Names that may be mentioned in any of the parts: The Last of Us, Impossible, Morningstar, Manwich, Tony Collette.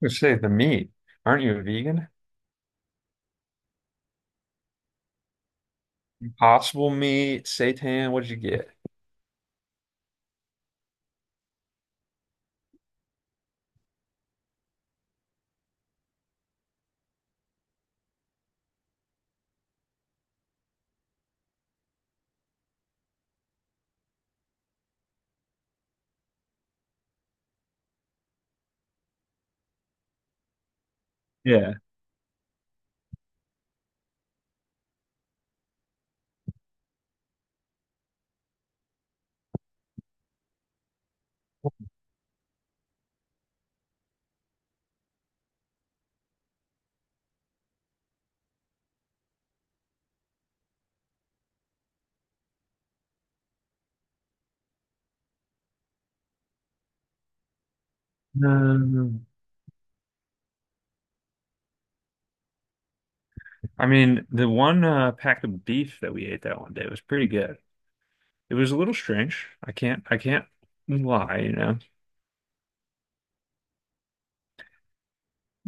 You say the meat. Aren't you a vegan? Impossible meat, seitan, what did you get? Yeah. Um, I mean, the one pack of beef that we ate that one day was pretty good. It was a little strange. I can't lie, you know.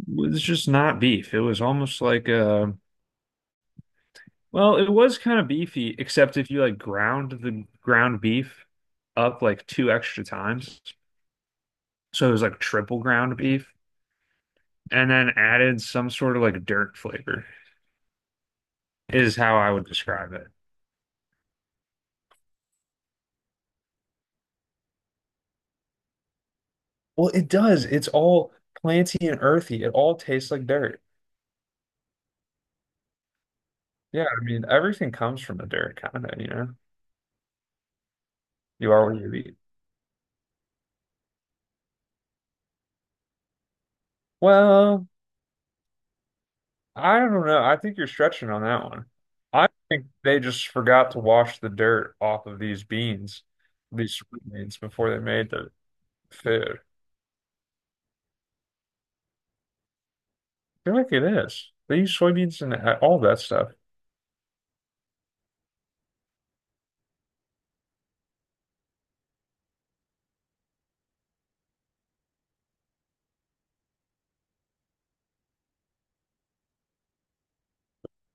It was just not beef. It was almost like well, it was kind of beefy, except if you like ground the ground beef up like two extra times. So it was like triple ground beef and then added some sort of like dirt flavor is how I would describe it. Well, it does. It's all planty and earthy. It all tastes like dirt. Yeah, I mean, everything comes from the dirt, kind of, you know. You are what you eat. Well, I don't know. I think you're stretching on that one. I think they just forgot to wash the dirt off of these beans, these soybeans, before they made the food. I feel like it is. They use soybeans and all that stuff.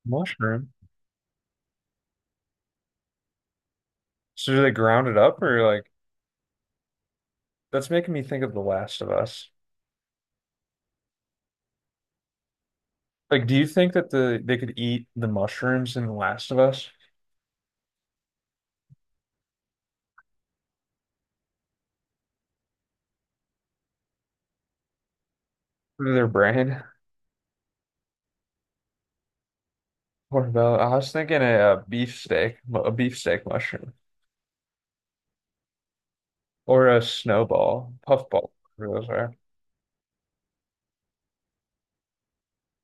Mushroom. So do they ground it up or like that's making me think of The Last of Us. Like, do you think that they could eat the mushrooms in The Last of Us through their brain? What about? I was thinking a beef steak mushroom, or a snowball, puffball, whatever those are.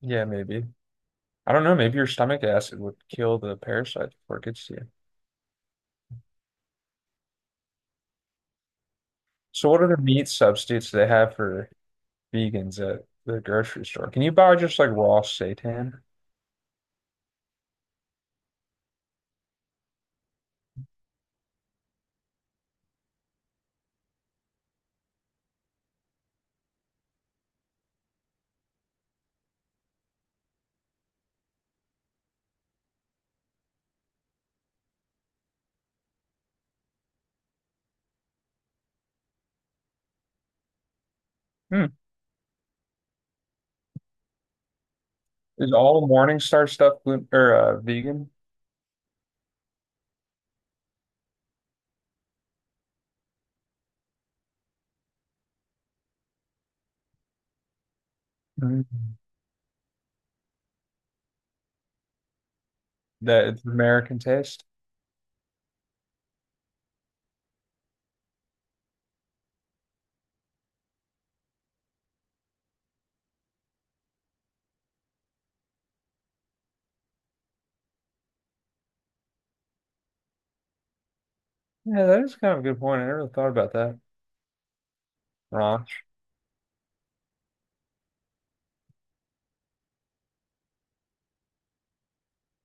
Yeah, maybe. I don't know. Maybe your stomach acid would kill the parasite before it gets to you. So, what other meat substitutes do they have for vegans at the grocery store? Can you buy just like raw seitan? Hmm. Is all Morningstar stuff gluten or vegan? Mm. That it's American taste. Yeah, that is kind of a good point. I never thought about that. Wrong.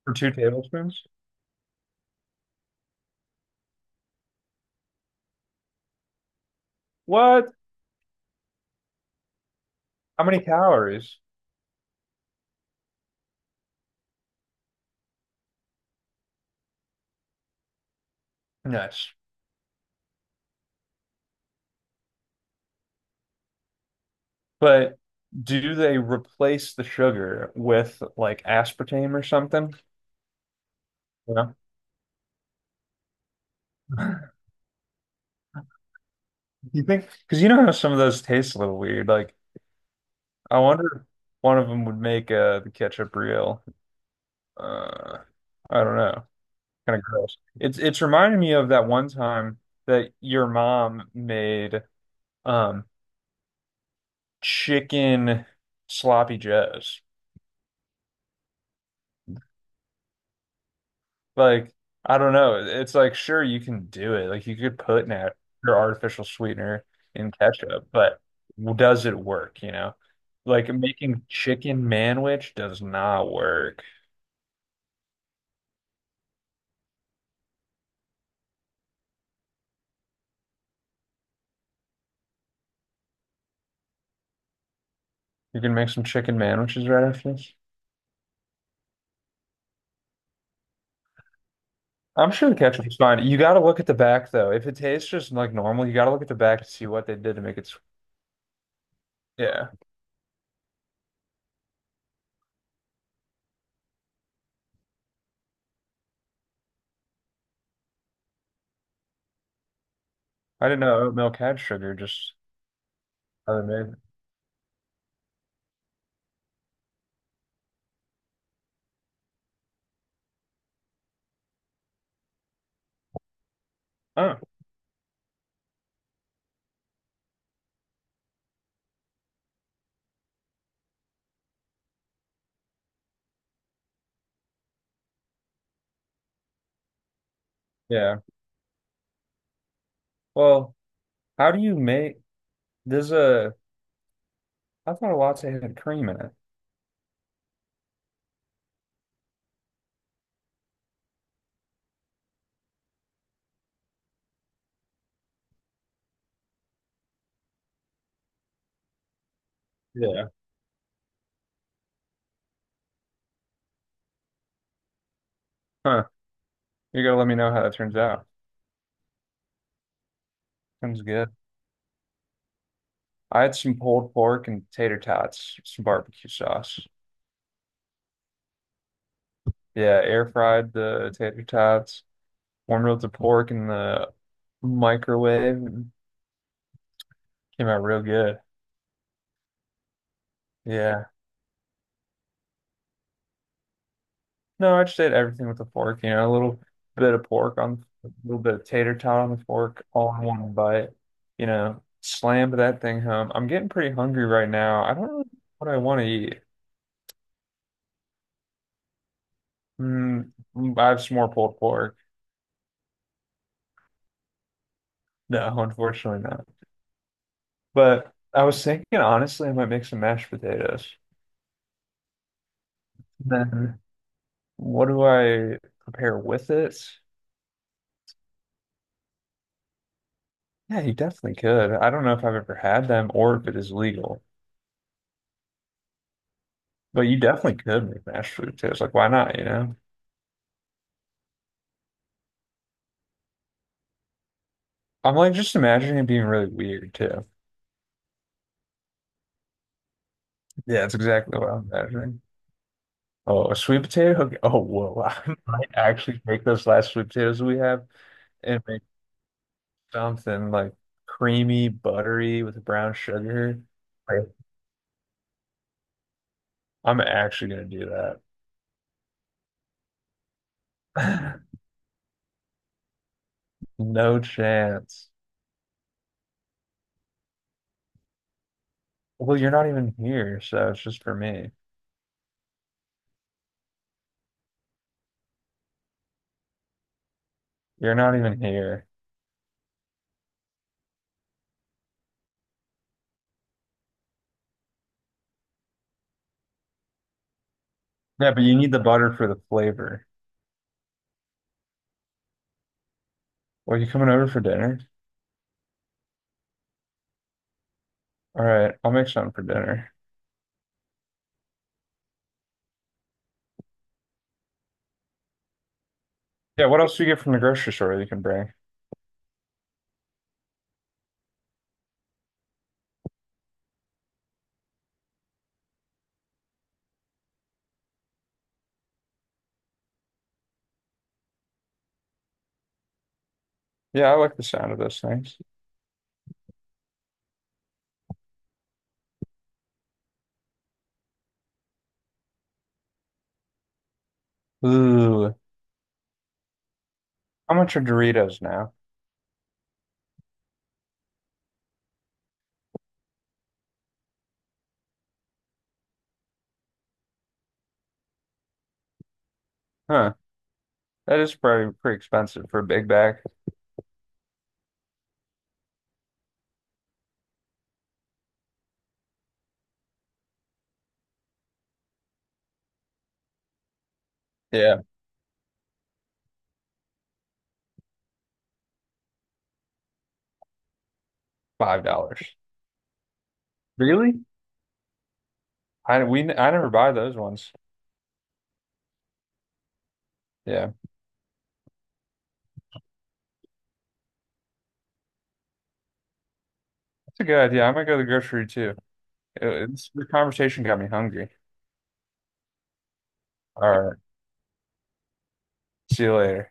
For 2 tablespoons? What? How many calories? Nuts. But do they replace the sugar with like aspartame or something? You know? You think? Because you know how some of those taste a little weird. Like, I wonder if one of them would make the ketchup real. Uh, I don't know. Kind of gross. It's reminding me of that one time that your mom made. Um, chicken sloppy joes. Like, I don't know. It's like, sure, you can do it. Like, you could put nat your artificial sweetener in ketchup, but does it work, you know? Like, making chicken manwich does not work. You can make some chicken manwiches right after this. I'm sure the ketchup is fine. You got to look at the back, though. If it tastes just like normal, you got to look at the back to see what they did to make it. Yeah. I didn't know oat milk had sugar, just how they made it. Oh, yeah. Well, how do you make? There's a, I thought a latte had cream in it. Yeah. Huh. You gotta let me know how that turns out. Sounds good. I had some pulled pork and tater tots, some barbecue sauce. Yeah, air fried the tater tots, warmed up the pork in the microwave, and came out real good. Yeah. No, I just ate everything with a fork, you know, a little bit of pork on, a little bit of tater tot on the fork, all in one bite. You know, slammed that thing home. I'm getting pretty hungry right now. I don't really know what I want to eat. Mm, I have some more pulled pork. No, unfortunately not. But I was thinking, honestly, I might make some mashed potatoes. Then what do I prepare with it? Yeah, you definitely could. I don't know if I've ever had them or if it is legal, but you definitely could make mashed potatoes. Like, why not, you know? I'm like just imagining it being really weird too. Yeah, that's exactly what I'm imagining. Oh, a sweet potato? Okay. Oh, whoa. I might actually make those last sweet potatoes we have. And make. Something like creamy, buttery with brown sugar. Like, I'm actually gonna do that. No chance. Well, you're not even here, so it's just for me. You're not even here. Yeah, but you need the butter for the flavor. Well, you coming over for dinner? All right, I'll make something for dinner. Yeah, what else do you get from the grocery store that you can bring? Yeah, I like the sound of those things. Ooh, how much are Doritos now? Huh, that is probably pretty expensive for a big bag. Yeah, $5. Really? I never buy those ones. Yeah, that's a good idea. I'm gonna go to the grocery too. It's, the conversation got me hungry. All right, see you later.